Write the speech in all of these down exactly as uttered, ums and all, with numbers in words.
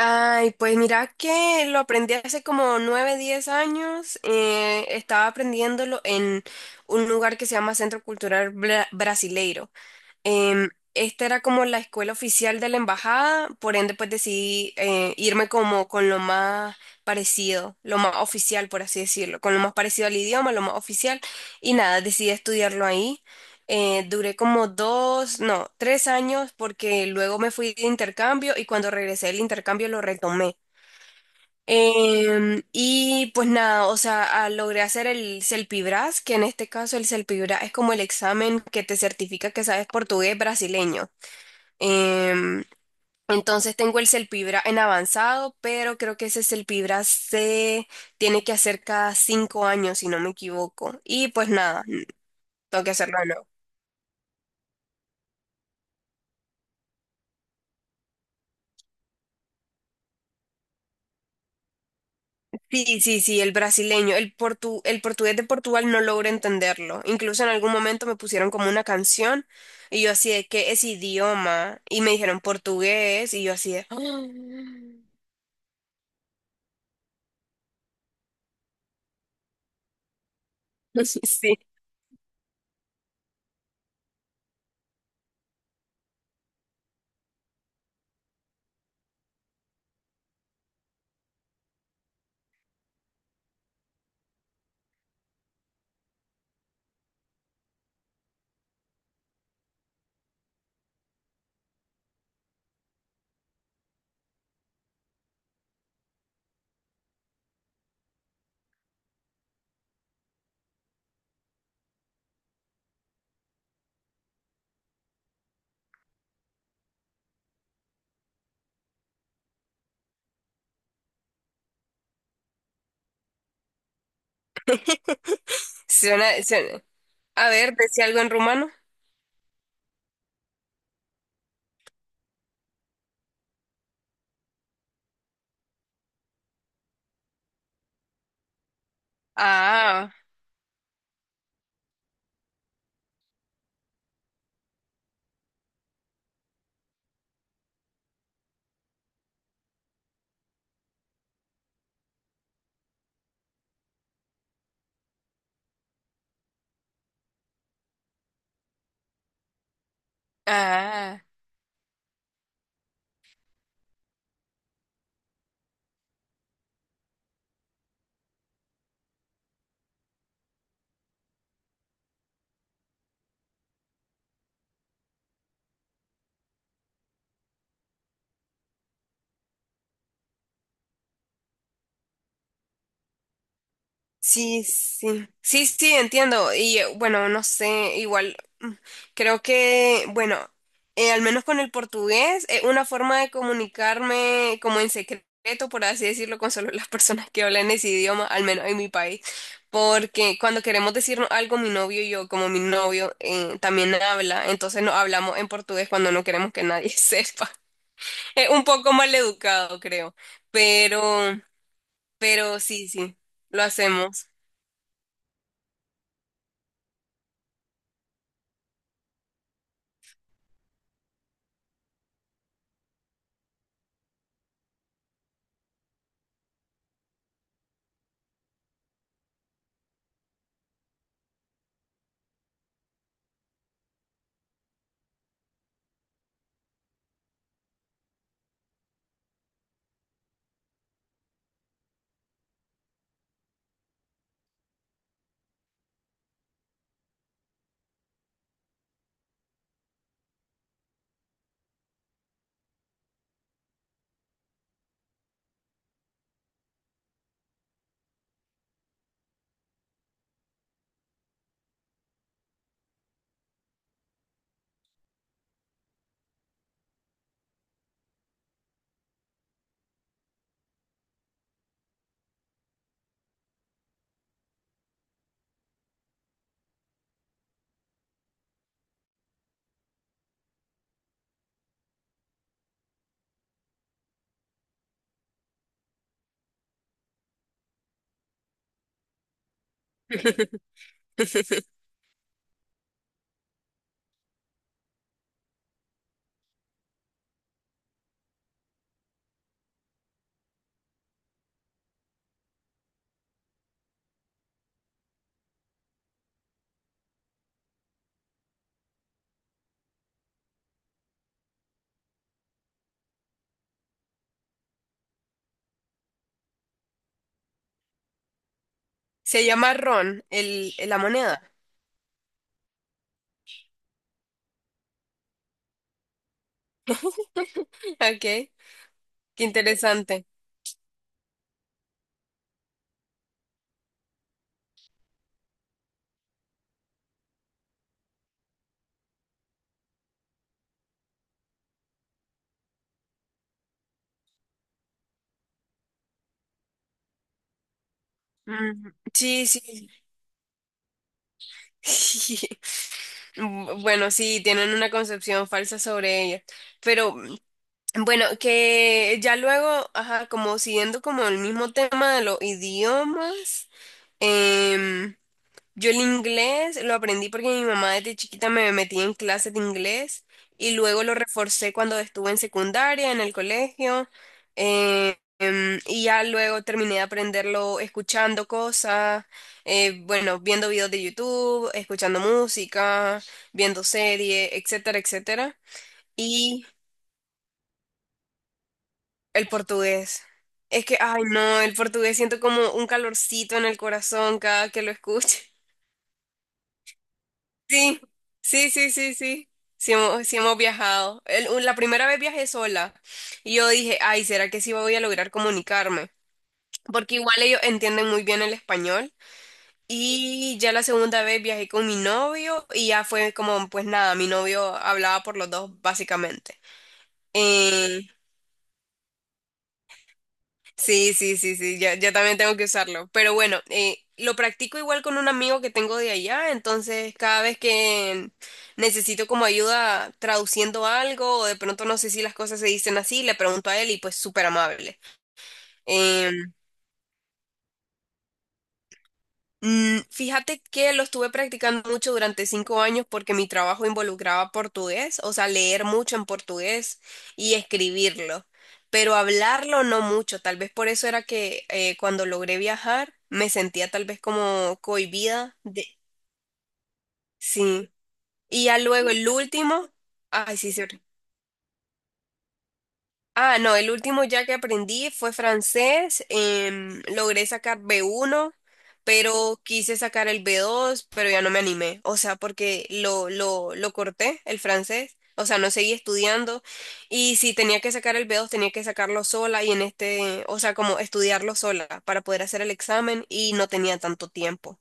Ay, pues mira que lo aprendí hace como nueve, diez años. Eh, estaba aprendiéndolo en un lugar que se llama Centro Cultural Bra- Brasileiro. Em, esta era como la escuela oficial de la embajada, por ende pues decidí eh, irme como con lo más parecido, lo más oficial, por así decirlo, con lo más parecido al idioma, lo más oficial, y nada, decidí estudiarlo ahí. Eh, duré como dos, no, tres años porque luego me fui de intercambio y cuando regresé del intercambio lo retomé. Em, y pues nada, o sea, ah, logré hacer el CELPIBRAS, que en este caso el CELPIBRAS es como el examen que te certifica que sabes portugués brasileño. Em, entonces tengo el CELPIBRAS en avanzado, pero creo que ese CELPIBRAS se tiene que hacer cada cinco años, si no me equivoco. Y pues nada, tengo que hacerlo. Sí, sí, sí, el brasileño, el portu, el portugués de Portugal no logro entenderlo. Incluso en algún momento me pusieron como una canción y yo así de, ¿qué es idioma? Y me dijeron portugués y yo así de, "Ah". Sí, suena, suena. A ver, decía algo en rumano. Ah, ah. Sí, sí, sí, sí, entiendo. Y eh, bueno, no sé, igual mm, creo que, bueno, eh, al menos con el portugués, es una forma de comunicarme como en secreto, por así decirlo, con solo las personas que hablan ese idioma, al menos en mi país. Porque cuando queremos decirnos algo, mi novio y yo, como mi novio, eh, también habla, entonces nos hablamos en portugués cuando no queremos que nadie sepa. Es un poco mal educado, creo, pero, pero sí, sí, lo hacemos. Se llama ron, el, la moneda. Ok, qué interesante. Mm, sí, sí. Bu- Bueno, sí, tienen una concepción falsa sobre ella. Pero mm, bueno, que ya luego, ajá, como siguiendo como el mismo tema de los idiomas, em, yo el inglés lo aprendí porque mi mamá desde chiquita me metía en clases de inglés y luego lo reforcé cuando estuve en secundaria, en el colegio, eh, em, y ya luego terminé de aprenderlo escuchando cosas, eh, bueno, viendo videos de YouTube, escuchando música, viendo series, etcétera, etcétera. Y el portugués. Es que, ay no, el portugués siento como un calorcito en el corazón cada que lo escucho. Sí, sí, sí, sí, sí. Sí hemos, sí hemos viajado. El- la primera vez viajé sola y yo dije, ay, ¿será que sí voy a lograr comunicarme? Porque igual ellos entienden muy bien el español. Y ya la segunda vez viajé con mi novio y ya fue como, pues nada, mi novio hablaba por los dos básicamente. Eh, Sí, sí, sí, sí, yo, yo también tengo que usarlo. Pero bueno, eh, lo practico igual con un amigo que tengo de allá, entonces cada vez que necesito como ayuda traduciendo algo o de pronto no sé si las cosas se dicen así, le pregunto a él y pues súper amable. Em, Mm, fíjate que lo estuve practicando mucho durante cinco años porque mi trabajo involucraba portugués, o sea, leer mucho en portugués y escribirlo, pero hablarlo no mucho. Tal vez por eso era que eh, cuando logré viajar me sentía tal vez como cohibida de. Sí. Y ya luego el último, ay, sí, sí. Ah, no, el último ya que aprendí fue francés. Em, logré sacar B uno, pero quise sacar el B dos, pero ya no me animé. O sea, porque lo, lo, lo corté, el francés. O sea, no seguí estudiando. Y si tenía que sacar el B dos, tenía que sacarlo sola y en este, o sea, como estudiarlo sola para poder hacer el examen y no tenía tanto tiempo.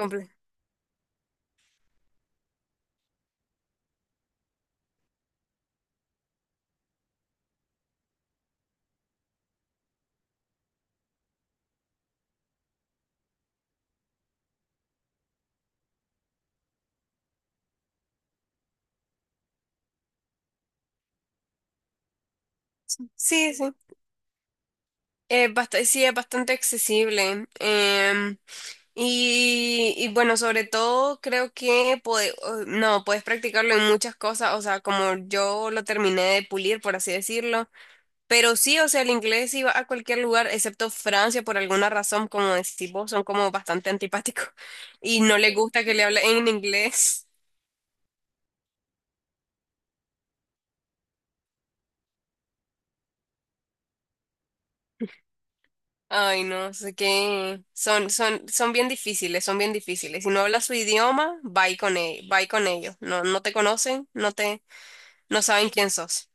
Comple- Sí, sí. Es bast- sí, es bastante accesible. Em, Y, y bueno, sobre todo creo que puede- o- no, puedes practicarlo en muchas cosas, o sea, como yo lo terminé de pulir, por así decirlo, pero sí, o sea, el inglés iba a cualquier lugar, excepto Francia, por alguna razón, como decís vos, son como bastante antipáticos y no les gusta que le hablen en inglés. Ay, no, no sé qué son, son, son, bien difíciles, son bien difíciles. Si no hablas su idioma, va con, e- va con ellos. No, no te conocen, no te, no saben quién sos.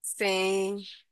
Sí.